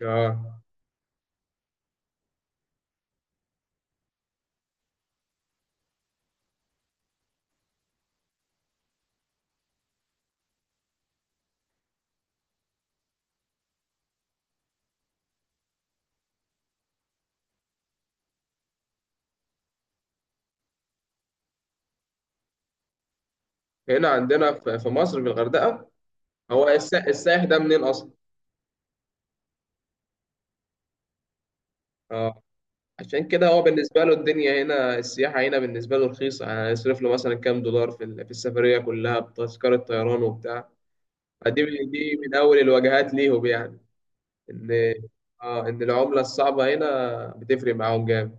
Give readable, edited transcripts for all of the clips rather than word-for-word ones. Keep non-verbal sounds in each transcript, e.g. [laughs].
اه هنا عندنا في مصر في الغردقة. السائح ده منين أصلا؟ اه عشان كده هو بالنسبة له الدنيا هنا، السياحة هنا بالنسبة له رخيصة، يعني يصرف له مثلا كام دولار في السفرية كلها بتذكرة طيران وبتاع. دي من أول الوجهات ليهم يعني. إن اه إن العملة الصعبة هنا بتفرق معاهم جامد.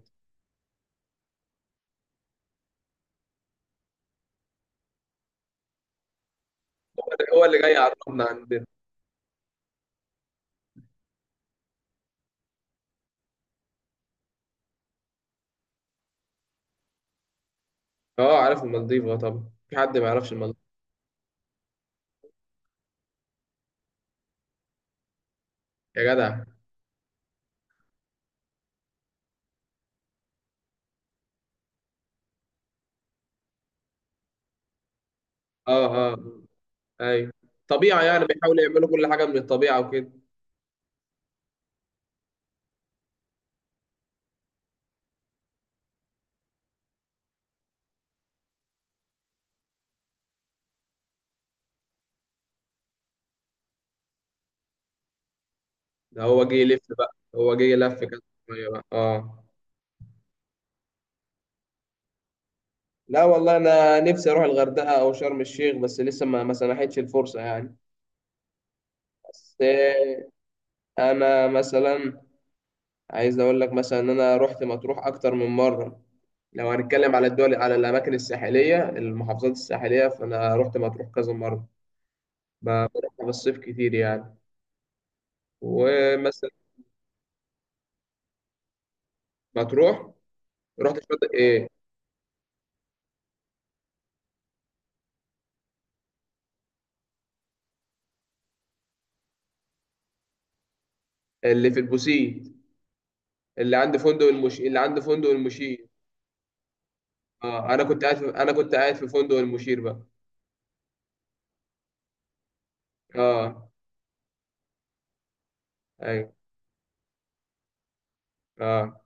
هو اللي جاي يعرفنا عندنا. اه، عارف المالديف. اه، طبعا في حد ما يعرفش المالديف؟ يا جدع. اه. اه. ايوه. طبيعة، يعني بيحاولوا يعملوا كل حاجة من الطبيعة وكده. ده هو جه يلف بقى، هو جه يلف كده. شوية بقى. اه. لا والله، انا نفسي اروح الغردقه او شرم الشيخ، بس لسه ما سنحتش الفرصه يعني. بس انا مثلا عايز اقول لك مثلا ان انا رحت مطروح اكتر من مره. لو هنتكلم على الدول، على الاماكن الساحليه، المحافظات الساحليه، فانا رحت مطروح كذا مره. بروحها في الصيف كتير يعني. ومثلا مطروح، رحت شاطئ ايه؟ اللي في البوسيت، اللي عند فندق المشي. اه، انا كنت قاعد في فندق المشير بقى. اه. ايوه. اه.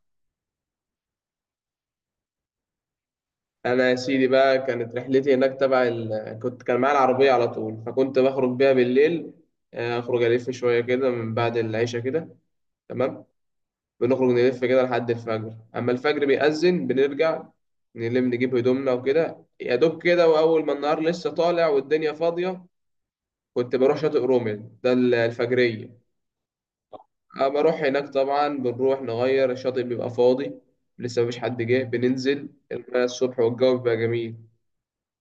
انا يا سيدي بقى، كانت رحلتي هناك، تبع ال... كنت كان معايا العربيه على طول، فكنت بخرج بيها بالليل. اخرج الف شويه كده من بعد العشاء كده. تمام. بنخرج نلف كده لحد الفجر، اما الفجر بيأذن بنرجع، نلم نجيب هدومنا وكده يا دوب كده، واول ما النهار لسه طالع والدنيا فاضيه، كنت بروح شاطئ رومل ده، الفجريه. بروح هناك طبعا، بنروح نغير الشاطئ، بيبقى فاضي، لسه مفيش حد جه، بننزل المية الصبح والجو بيبقى جميل.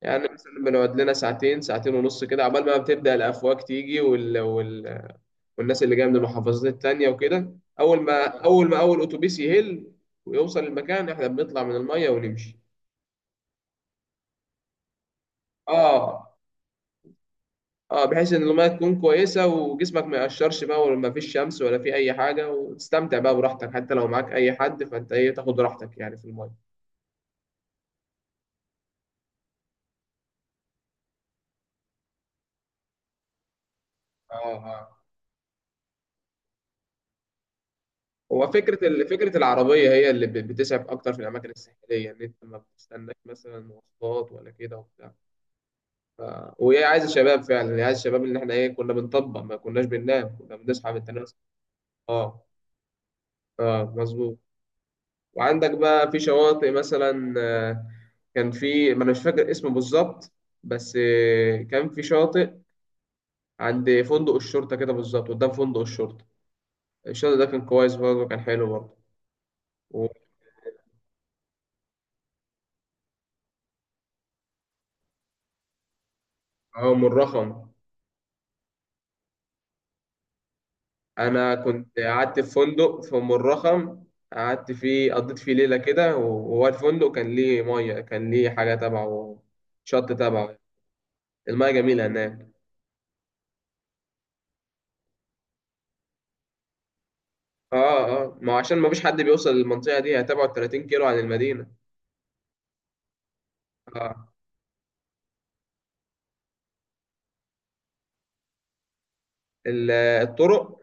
يعني مثلا بنقعد لنا ساعتين، ساعتين ونص كده، عبال ما بتبدأ الأفواج تيجي، والناس اللي جاية من المحافظات التانية وكده. أول ما أول ما أول أتوبيس يهل ويوصل المكان، إحنا بنطلع من المية ونمشي. آه بحيث إن المية تكون كويسة وجسمك ما يقشرش بقى، وما فيش شمس ولا في أي حاجة، وتستمتع بقى براحتك، حتى لو معاك أي حد فأنت إيه، تاخد راحتك يعني في المية. آه آه هو فكرة العربية هي اللي بتسعف أكتر في الأماكن الساحلية، إن أنت ما بتستناش مثلا مواصلات ولا كده وبتاع. ف... وهي عايزة شباب فعلا، هي عايزة شباب، إن إحنا إيه، كنا بنطبق، ما كناش بننام، كنا بنصحى من التناس. أه، أه، مظبوط. وعندك بقى في شواطئ مثلا، كان في، ما أنا مش فاكر اسمه بالظبط، بس كان في شاطئ عند فندق الشرطة كده بالظبط، قدام فندق الشرطة. الشاطئ ده كان كويس برضه، كان حلو برضه. و... اه من رخم. انا كنت قعدت في فندق في ام الرخم، قعدت فيه، قضيت فيه ليله كده، وهو الفندق كان ليه ميه، كان ليه حاجه تبعه، شط تبعه. الميه جميله هناك. اه. اه، ما هو عشان ما فيش حد بيوصل للمنطقه دي، هي تبعد 30 كيلو عن المدينه. اه، الطرق.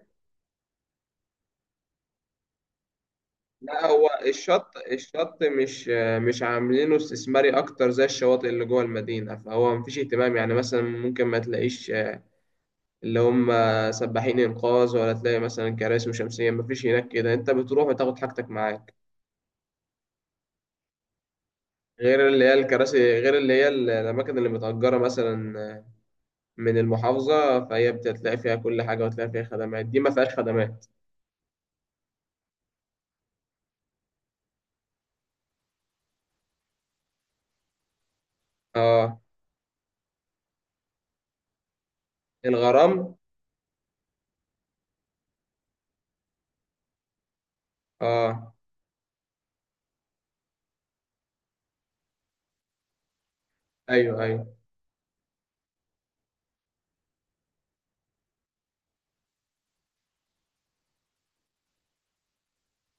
لا، هو الشط مش مش عاملينه استثماري اكتر زي الشواطئ اللي جوه المدينه، فهو مفيش اهتمام. يعني مثلا ممكن ما تلاقيش اللي هم سباحين انقاذ، ولا تلاقي مثلا كراسي وشمسيه، مفيش هناك كده، انت بتروح وتاخد حاجتك معاك. غير اللي هي الكراسي، غير اللي هي الاماكن اللي متأجره مثلا من المحافظه، فهي بتلاقي فيها كل حاجه، وتلاقي فيها خدمات. دي ما فيهاش خدمات. اه، الغرام. اه. ايوه. ايوه.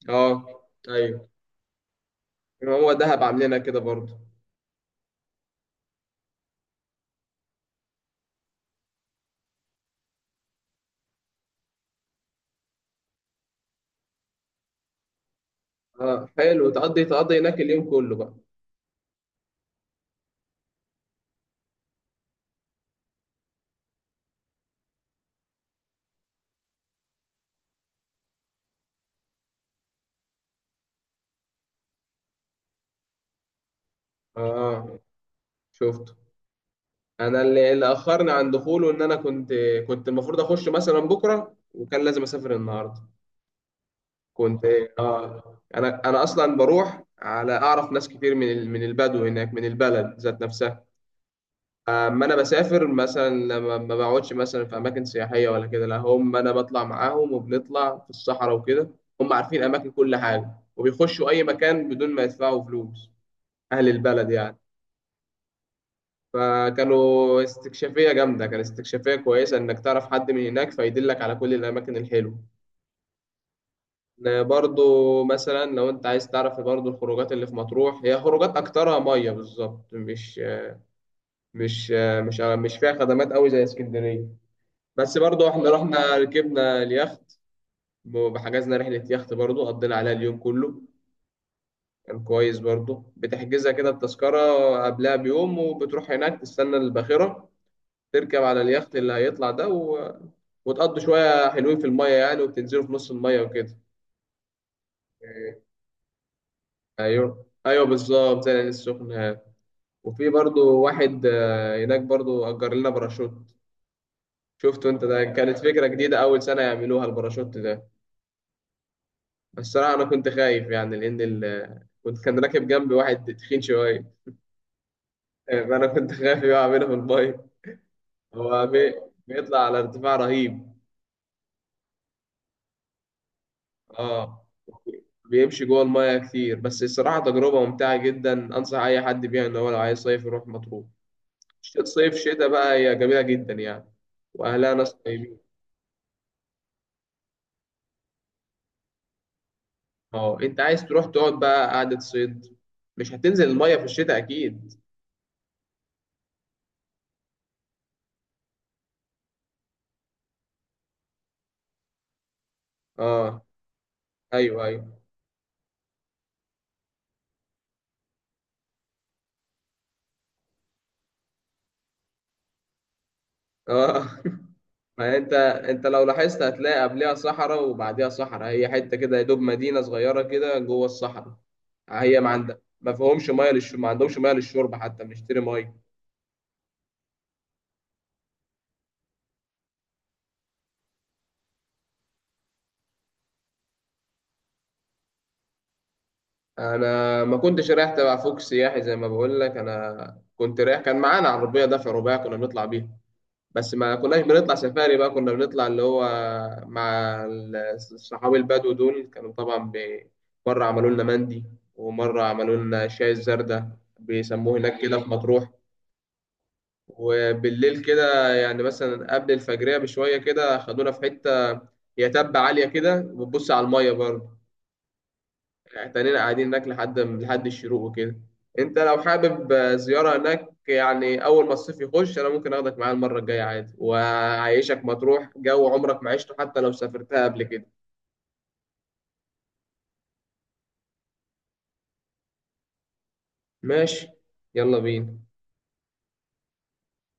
اه. ايوه. هو دهب عاملينها كده برضه. اه حلو، تقضي هناك اليوم كله بقى. اه، شفت. انا اللي اخرني عن دخوله، ان انا كنت، المفروض اخش مثلا بكره، وكان لازم اسافر النهارده. كنت. انا اصلا بروح، على اعرف ناس كتير من البدو هناك، من البلد ذات نفسها. اما انا بسافر مثلا لما ما بقعدش مثلا في اماكن سياحيه ولا كده، لا، هم انا بطلع معاهم، وبنطلع في الصحراء وكده، هم عارفين اماكن، كل حاجه، وبيخشوا اي مكان بدون ما يدفعوا فلوس، اهل البلد يعني. فكانوا استكشافية جامدة، كان استكشافية كويسة إنك تعرف حد من هناك فيدلك على كل الأماكن الحلوة. إن برضو مثلا لو أنت عايز تعرف برضو الخروجات اللي في مطروح، هي خروجات أكترها مية بالظبط، مش فيها خدمات أوي زي اسكندرية. بس برضو إحنا رحنا ركبنا اليخت، وحجزنا رحلة يخت برضو، قضينا عليها اليوم كله. كان كويس برضو، بتحجزها كده التذكرة قبلها بيوم، وبتروح هناك تستنى الباخرة، تركب على اليخت اللي هيطلع ده وتقضوا شوية حلوين في المية يعني، وبتنزلوا في نص المية وكده. ايوه، ايوه، بالظبط زي العين السخنة. وفي برضو واحد هناك برضو أجر لنا باراشوت. شفته انت ده؟ كانت فكرة جديدة، أول سنة يعملوها الباراشوت ده. الصراحة أنا كنت خايف يعني، لأن ال... كنت كان راكب جنبي واحد تخين شوية. فأنا كنت خايف يقع منه في المية. هو بي... بيطلع على ارتفاع رهيب. اه. بيمشي جوه المايه كتير، بس الصراحه تجربه ممتعه جدا، انصح اي حد بيها. ان هو لو عايز صيف يروح مطروح. صيف، شتاء بقى، هي جميله جدا يعني، واهلها ناس طيبين. اه، انت عايز تروح تقعد بقى قعده صيد؟ مش هتنزل المايه في الشتاء اكيد. اه. ايوه. ايوه. اه. [laughs] ما انت لو لاحظت هتلاقي قبلها صحراء وبعديها صحراء، هي حته كده يا دوب، مدينه صغيره كده جوه الصحراء. هي ما عندها، ما فيهمش ميه للشرب، ما عندهمش ميه للشرب، حتى بنشتري ميه. انا ما كنتش رايح تبع فوق سياحي زي ما بقول لك، انا كنت رايح، كان معانا عربيه دفع رباعي كنا بنطلع بيها، بس ما كناش بنطلع سفاري بقى، كنا بنطلع اللي هو مع الصحابي البدو دول، كانوا طبعا مره عملوا لنا مندي، ومره عملوا لنا شاي الزردة بيسموه هناك كده في مطروح. وبالليل كده يعني مثلا قبل الفجريه بشويه كده، خدونا في حته هي تبة عاليه كده وبتبص على الميه برضه. احتنينا قاعدين هناك لحد الشروق وكده. انت لو حابب زيارة هناك يعني اول ما الصيف يخش، انا ممكن اخدك معايا المرة الجاية عادي، واعيشك مطروح جو عمرك ما عشته حتى لو سافرتها قبل كده. ماشي. يلا بينا.